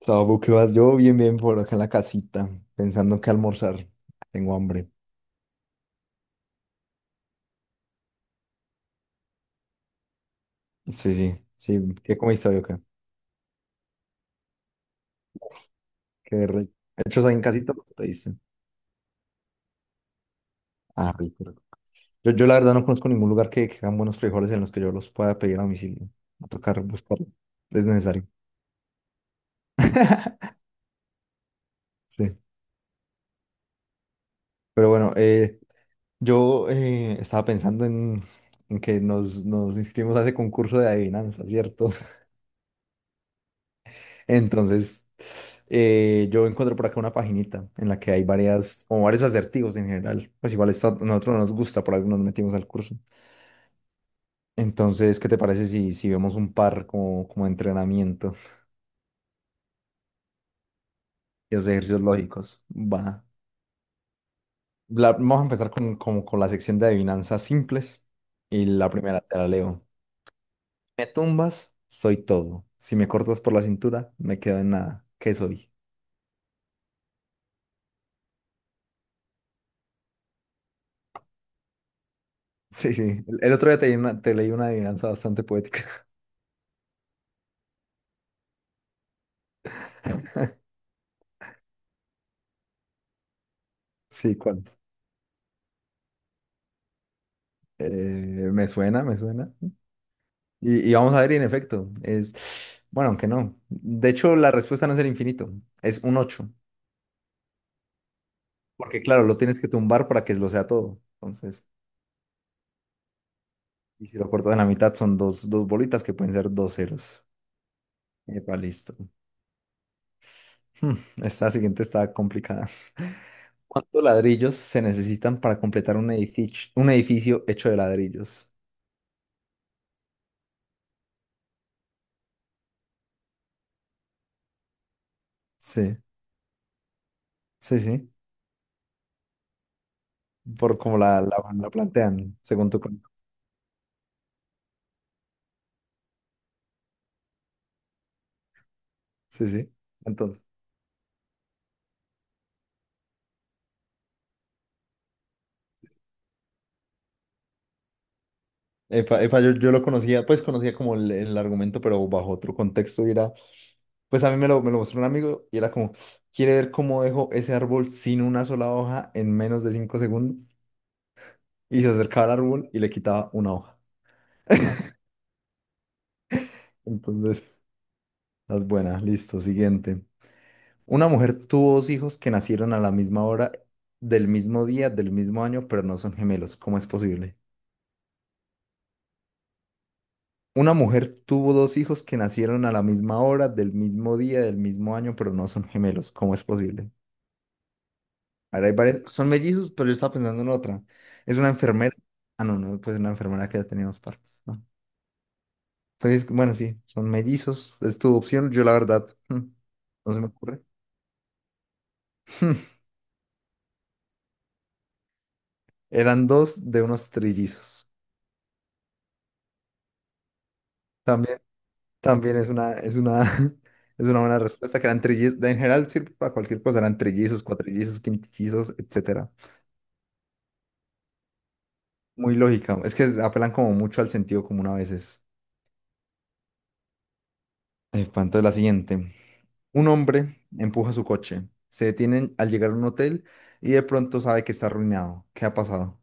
Sabo, ¿qué vas? Yo bien, bien por acá en la casita, pensando en qué almorzar. Tengo hambre. Sí, sí, sí. ¿Qué comiste hoy acá? Qué rico. ¿Hechos ahí en casita? ¿Qué te diste? Ah, rico, rico. Yo la verdad no conozco ningún lugar que hagan buenos frijoles en los que yo los pueda pedir a domicilio. Va a tocar buscarlo. Es necesario. Sí. Pero bueno, yo estaba pensando en, que nos inscribimos a ese concurso de adivinanza, ¿cierto? Entonces, yo encuentro por acá una paginita en la que hay varias, o varios acertijos en general. Pues igual esto a nosotros no nos gusta, por algo nos metimos al curso. Entonces, ¿qué te parece si, vemos un par como de entrenamiento y los ejercicios lógicos? Va. Vamos a empezar con, como con la sección de adivinanzas simples. Y la primera te la leo. Me tumbas, soy todo. Si me cortas por la cintura, me quedo en nada. ¿Qué soy? Sí, sí. El otro día te leí una adivinanza bastante poética. Sí, ¿cuál? Eh, me suena, me suena. Y vamos a ver, y en efecto, bueno, aunque no. De hecho, la respuesta no es el infinito, es un ocho. Porque claro, lo tienes que tumbar para que lo sea todo. Entonces, y si lo cortas en la mitad, son dos bolitas que pueden ser dos ceros. Epa, listo. Hmm, Esta siguiente está complicada. ¿Cuántos ladrillos se necesitan para completar un edificio hecho de ladrillos? Sí, sí, sí. Por como la plantean, según tu cuento. Sí, sí. Entonces. Epa, epa, yo lo conocía, pues conocía como el argumento, pero bajo otro contexto. Y era, pues a mí me lo mostró un amigo y era como, quiere ver cómo dejo ese árbol sin una sola hoja en menos de 5 segundos. Y se acercaba al árbol y le quitaba una hoja. Entonces, las buenas, listo, siguiente. Una mujer tuvo dos hijos que nacieron a la misma hora, del mismo día, del mismo año, pero no son gemelos. ¿Cómo es posible? Una mujer tuvo dos hijos que nacieron a la misma hora, del mismo día, del mismo año, pero no son gemelos. ¿Cómo es posible? A ver, son mellizos, pero yo estaba pensando en otra. Es una enfermera. Ah, no, no, pues una enfermera que ya tenía dos partes. ¿No? Entonces, bueno, sí, son mellizos. Es tu opción. Yo, la verdad, no se me ocurre. Eran dos de unos trillizos. También, también es una, es una buena respuesta que eran trillizos. En general, sirve para cualquier cosa. Eran trillizos, cuatrillizos, quintillizos, etcétera. Muy lógica. Es que apelan como mucho al sentido común a veces. Pa, entonces la siguiente. Un hombre empuja su coche. Se detienen al llegar a un hotel y de pronto sabe que está arruinado. ¿Qué ha pasado?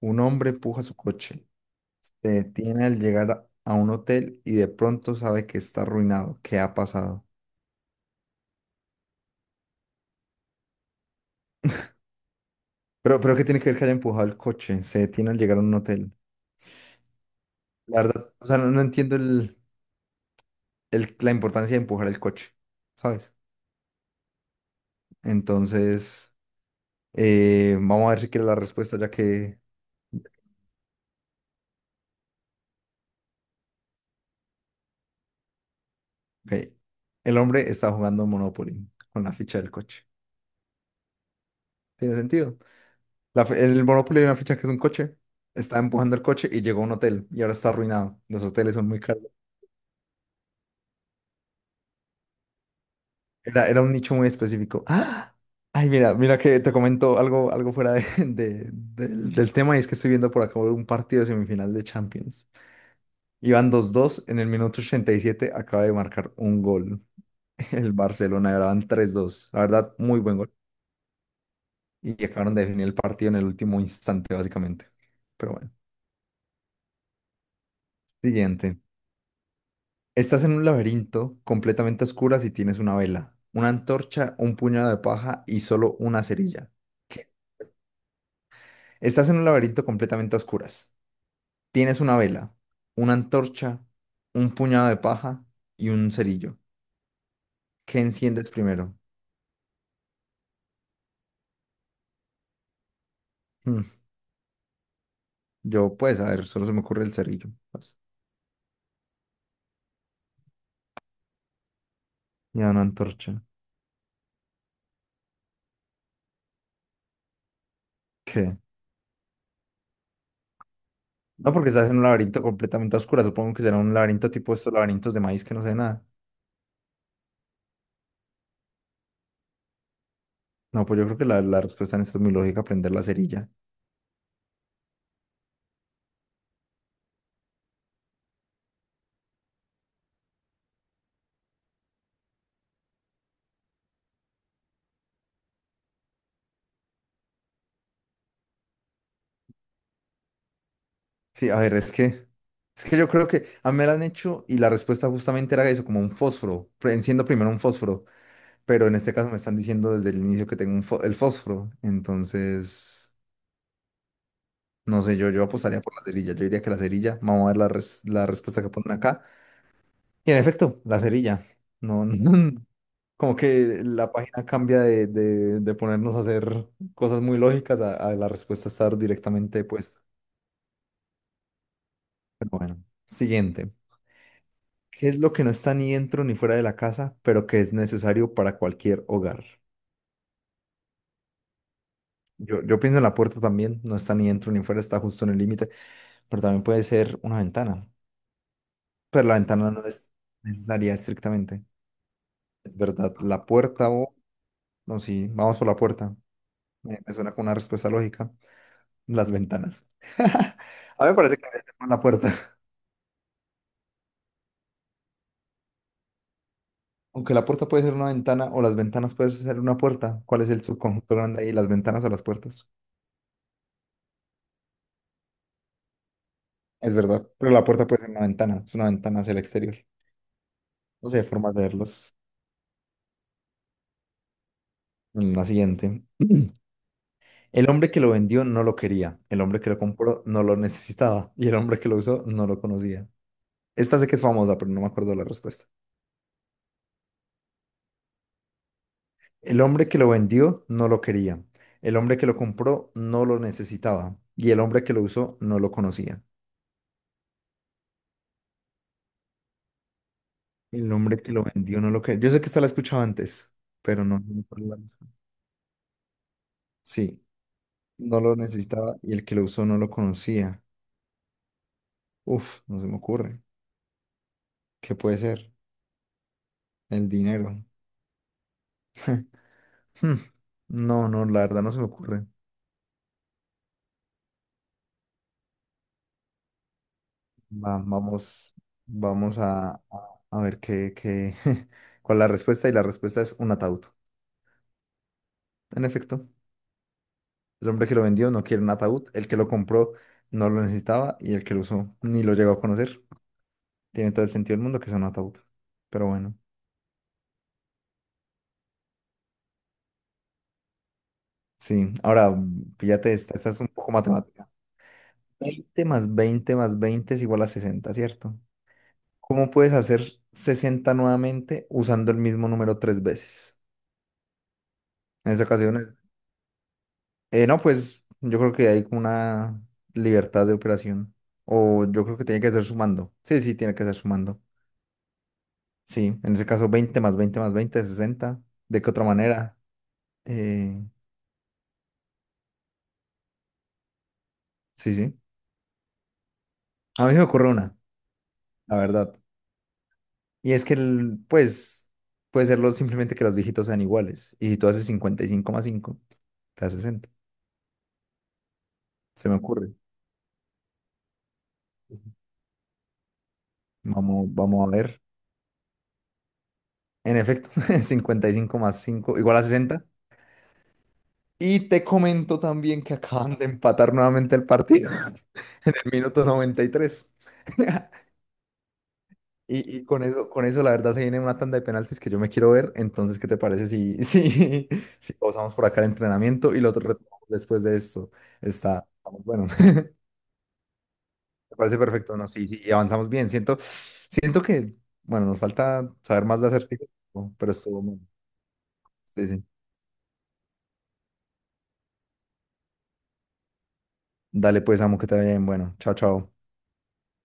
Un hombre empuja su coche. Se detiene al llegar a un hotel y de pronto sabe que está arruinado. ¿Qué ha pasado? Pero ¿qué tiene que ver que haya empujado el coche? Se detiene al llegar a un hotel. La verdad, o sea, no entiendo el, la importancia de empujar el coche, ¿sabes? Entonces... vamos a ver si quiere la respuesta, ya que ok, el hombre está jugando Monopoly con la ficha del coche. ¿Tiene sentido? El Monopoly hay una ficha que es un coche. Está empujando el coche y llegó a un hotel y ahora está arruinado. Los hoteles son muy caros. Era un nicho muy específico. ¡Ah! Ay, mira, mira que te comento algo del tema y es que estoy viendo por acá un partido de semifinal de Champions. Iban 2-2 en el minuto 87 acaba de marcar un gol. El Barcelona, y ahora van 3-2. La verdad, muy buen gol. Y acabaron de definir el partido en el último instante, básicamente. Pero bueno, siguiente. Estás en un laberinto completamente a oscuras y tienes una vela, una antorcha, un puñado de paja y solo una cerilla. ¿Qué? Estás en un laberinto completamente a oscuras. Tienes una vela, una antorcha, un puñado de paja y un cerillo. ¿Qué enciendes primero? Hmm, Yo, pues, a ver, solo se me ocurre el cerillo. Pues. Y una antorcha. ¿Qué? No, porque estás en un laberinto completamente a oscura. Supongo que será un laberinto tipo estos laberintos de maíz que no sé nada. No, pues yo creo que la respuesta en esto es muy lógica, aprender la cerilla. Sí, a ver, es que yo creo que a mí me la han hecho y la respuesta justamente era eso, como un fósforo. Pre- Enciendo primero un fósforo, pero en este caso me están diciendo desde el inicio que tengo el fósforo. Entonces, no sé, yo apostaría por la cerilla. Yo diría que la cerilla, vamos a ver la respuesta que ponen acá. Y en efecto, la cerilla. No, no. Como que la página cambia de, de ponernos a hacer cosas muy lógicas a, la respuesta estar directamente puesta. Pero bueno, siguiente. ¿Qué es lo que no está ni dentro ni fuera de la casa, pero que es necesario para cualquier hogar? Yo pienso en la puerta también, no está ni dentro ni fuera, está justo en el límite, pero también puede ser una ventana. Pero la ventana no es necesaria estrictamente. Es verdad, la puerta o... No, sí, vamos por la puerta. Me suena con una respuesta lógica. Las ventanas. A mí me parece que debería ser más la puerta. Aunque la puerta puede ser una ventana o las ventanas pueden ser una puerta. ¿Cuál es el subconjunto grande ahí? ¿Las ventanas o las puertas? Es verdad, pero la puerta puede ser una ventana. Es una ventana hacia el exterior. No sé, hay formas de verlos. La siguiente. El hombre que lo vendió no lo quería. El hombre que lo compró no lo necesitaba. Y el hombre que lo usó no lo conocía. Esta sé que es famosa, pero no me acuerdo la respuesta. El hombre que lo vendió no lo quería. El hombre que lo compró no lo necesitaba. Y el hombre que lo usó no lo conocía. El hombre que lo vendió no lo quería. Yo sé que esta la he escuchado antes, pero no, no me acuerdo la respuesta. Sí, no lo necesitaba y el que lo usó no lo conocía. Uf, no se me ocurre. ¿Qué puede ser? El dinero. Hmm, no, no, la verdad no se me ocurre. Va- vamos, vamos a, a ver qué, cuál es la respuesta. Y la respuesta es un ataúd. En efecto. El hombre que lo vendió no quiere un ataúd, el que lo compró no lo necesitaba y el que lo usó ni lo llegó a conocer. Tiene todo el sentido del mundo que sea un ataúd. Pero bueno, sí. Ahora, píllate esta, esta es un poco matemática. 20 más 20 más 20 es igual a 60, ¿cierto? ¿Cómo puedes hacer 60 nuevamente usando el mismo número tres veces? En esta ocasión, no, pues yo creo que hay como una libertad de operación. O yo creo que tiene que ser sumando. Sí, sí, tiene que ser sumando. Sí, en ese caso 20 más 20 más veinte es 60. ¿De qué otra manera? Eh, sí, sí. A mí se me ocurre una, la verdad. Y es que, pues, puede serlo simplemente que los dígitos sean iguales. Y si tú haces 55,5, te da sesenta. Se me ocurre. Vamos a ver. En efecto, 55 más 5 igual a 60. Y te comento también que acaban de empatar nuevamente el partido en el minuto 93. Y con eso, la verdad, se viene una tanda de penaltis que yo me quiero ver. Entonces, ¿qué te parece si, si pausamos por acá el entrenamiento y lo otro retomamos después de esto? Está muy bueno. Me parece perfecto, ¿no? Sí, sí, y avanzamos bien. Siento que, bueno, nos falta saber más de acertijos, ¿no? Pero estuvo bueno. Sí, sí. Dale pues, amo, que te vaya bien. Bueno, chao, chao.